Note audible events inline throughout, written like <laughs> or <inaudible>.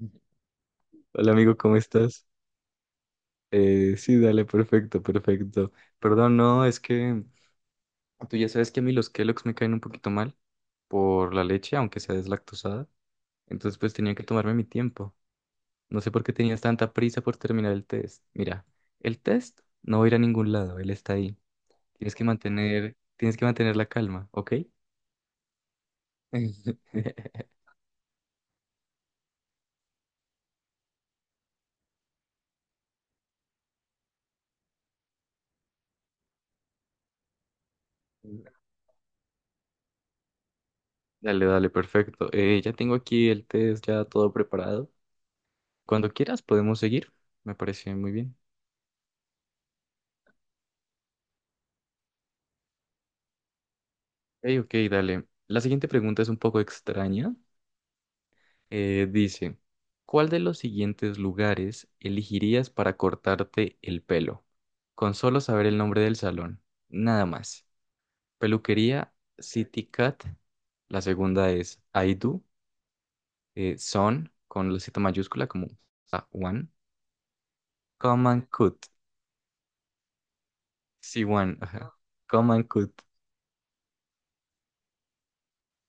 Hola amigo, ¿cómo estás? Sí, dale, perfecto, perfecto. Perdón, no, es que tú ya sabes que a mí los Kellogg's me caen un poquito mal por la leche, aunque sea deslactosada. Entonces pues tenía que tomarme mi tiempo. No sé por qué tenías tanta prisa por terminar el test. Mira, el test no va a ir a ningún lado, él está ahí. Tienes que mantener la calma, ¿ok? <laughs> Dale, dale, perfecto. Ya tengo aquí el test ya todo preparado. Cuando quieras podemos seguir. Me parece muy bien. Hey, ok, dale. La siguiente pregunta es un poco extraña. Dice, ¿cuál de los siguientes lugares elegirías para cortarte el pelo? Con solo saber el nombre del salón, nada más. Peluquería City Cat. La segunda es Aidu, Son con la Z mayúscula como ah, One. Come and Cut. Sí, One. Ajá. Come and Cut.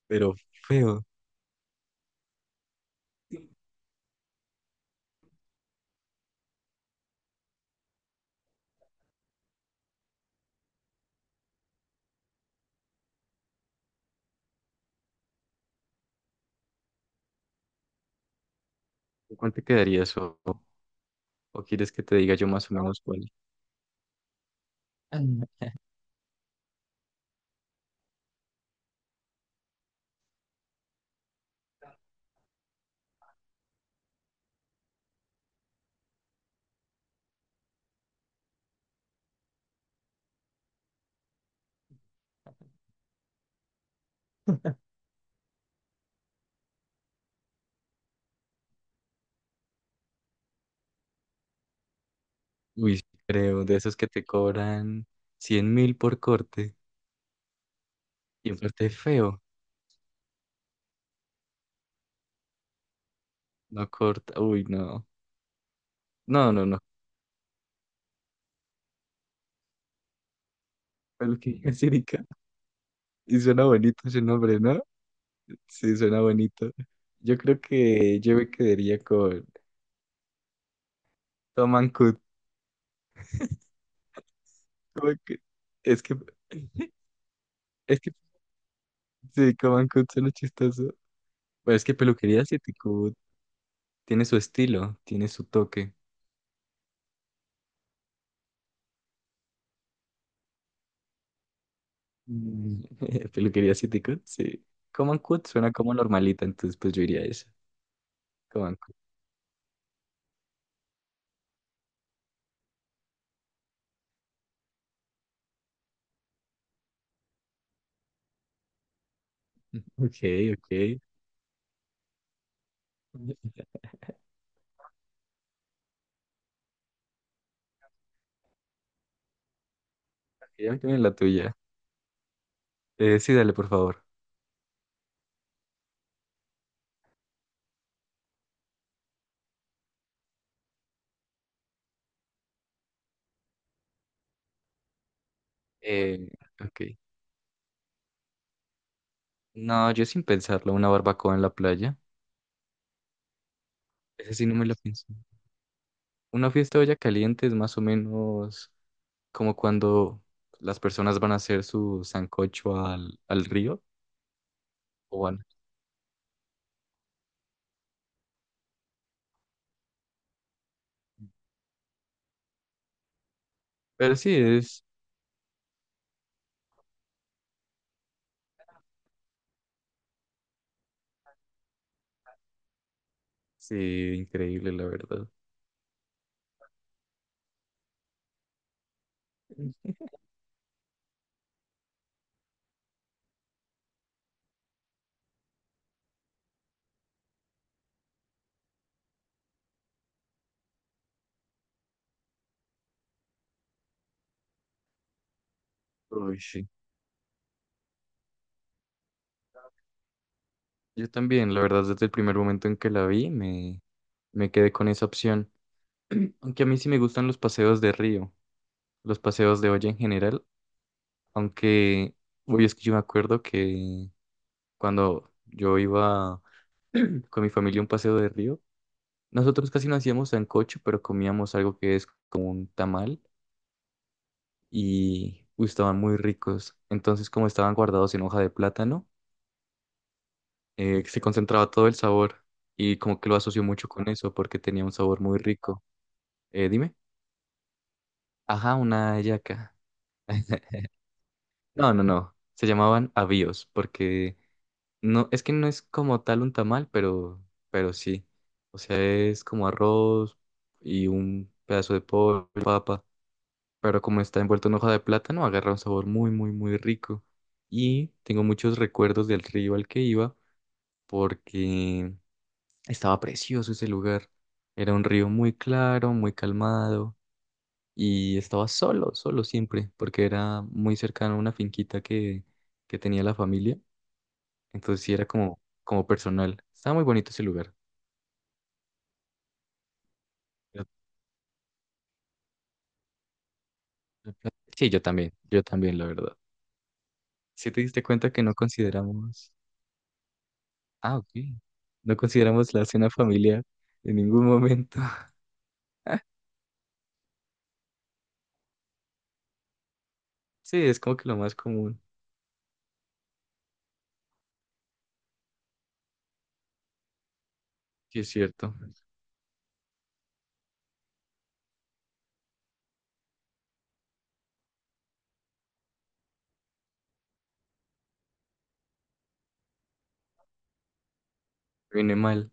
Pero feo. ¿Cuál te quedaría eso? ¿O quieres que te diga yo más o menos cuál? <laughs> Uy, sí creo, de esos que te cobran 100 mil por corte. Y un corte feo. No corta. Uy, no. No, no, no. <laughs> Peluquería que Sirica. Y suena bonito ese nombre, ¿no? Sí, suena bonito. Yo creo que yo me quedaría con Tom and Cut. Tom and Cut. Es que. <laughs> Es que. Sí, Tom and Cut suena chistoso. Pero es que peluquería City Cut tiene su estilo, tiene su toque. Mm, <laughs> Peluquería City Cut, sí. Common Cut suena como normalita, entonces pues yo iría a eso. Con- <laughs> Ok, ok. Ya me tiene la tuya. Sí, dale, por favor. Eh, ok. No, yo sin pensarlo, una barbacoa en la playa. Ese sí no me lo pienso. Una fiesta de olla caliente es más o menos como cuando las personas van a hacer su sancocho al, al río o van. Pero sí es, sí, increíble, la verdad. Uy, sí. Yo también, la verdad, desde el primer momento en que la vi, me quedé con esa opción. <clears throat> Aunque a mí sí me gustan los paseos de río, los paseos de olla en general, aunque uy es que yo me acuerdo que cuando yo iba con mi familia a un paseo de río, nosotros casi no hacíamos sancocho, pero comíamos algo que es como un tamal y uy, estaban muy ricos. Entonces, como estaban guardados en hoja de plátano, se concentraba todo el sabor y como que lo asocio mucho con eso porque tenía un sabor muy rico. Dime. Ajá, una hallaca. No, no, no. Se llamaban avíos porque no, es que no es como tal un tamal, pero sí. O sea, es como arroz y un pedazo de pollo, papa. Pero como está envuelto en hoja de plátano, agarra un sabor muy, muy, muy rico. Y tengo muchos recuerdos del río al que iba porque estaba precioso ese lugar. Era un río muy claro, muy calmado y estaba solo, solo siempre, porque era muy cercano a una finquita que tenía la familia. Entonces sí era como, como personal. Estaba muy bonito ese lugar. Yo- yo- Sí, yo también, la verdad. Si te diste cuenta que no consideramos, ah, ok, no consideramos la cena familiar en ningún momento. <laughs> Sí, es como que lo más común. Sí, es cierto. Viene mal.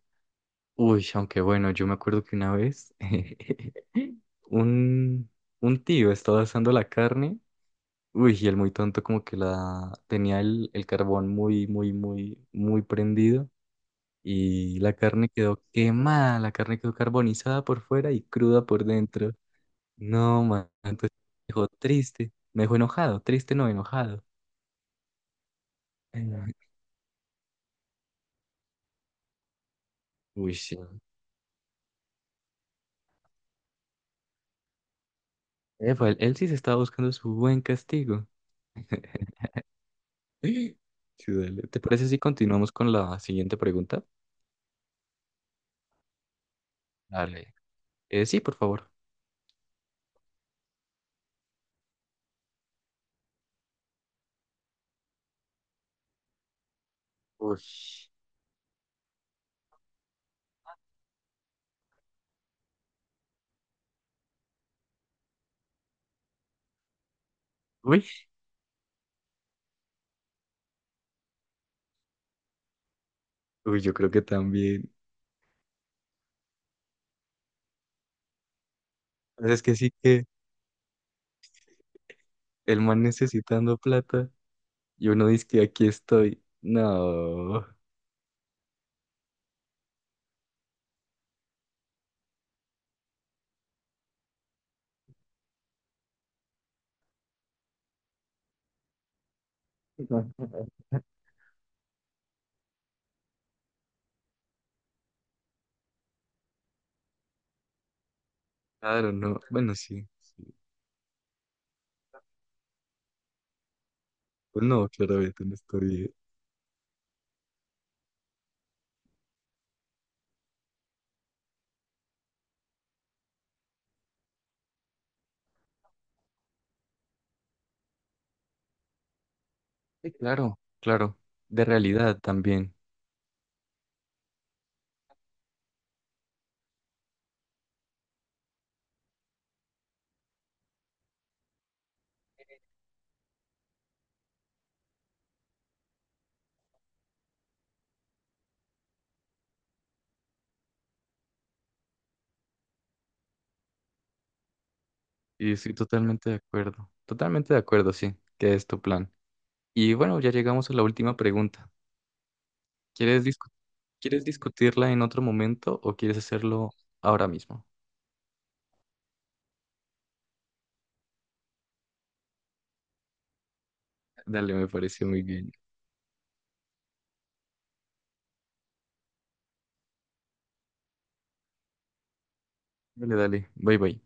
Uy, aunque bueno, yo me acuerdo que una vez <laughs> un, un tío estaba asando la carne. Uy, y el muy tonto como que la tenía el carbón muy, muy, muy, muy prendido. Y la carne quedó quemada, la carne quedó carbonizada por fuera y cruda por dentro. No, man, entonces me dejó triste, me dejó enojado, triste no, enojado. Ay, no. Uy, sí. Epa, él sí se estaba buscando su buen castigo. <gasps> Sí, dale. ¿Te parece si continuamos con la siguiente pregunta? Dale. Sí, por favor. Uy. Uy, uy, yo creo que también. Pues es que sí que el man necesitando plata y uno dice que aquí estoy. No. <laughs> Claro, no. Bueno, sí, sí. Pues no, claramente no estoy. Sí, claro, claro. De realidad también. Y estoy totalmente de acuerdo. Totalmente de acuerdo, sí, que es tu plan. Y bueno, ya llegamos a la última pregunta. ¿Quieres discu- ¿Quieres discutirla en otro momento o quieres hacerlo ahora mismo? Dale, me pareció muy bien. Dale, dale. Bye, bye.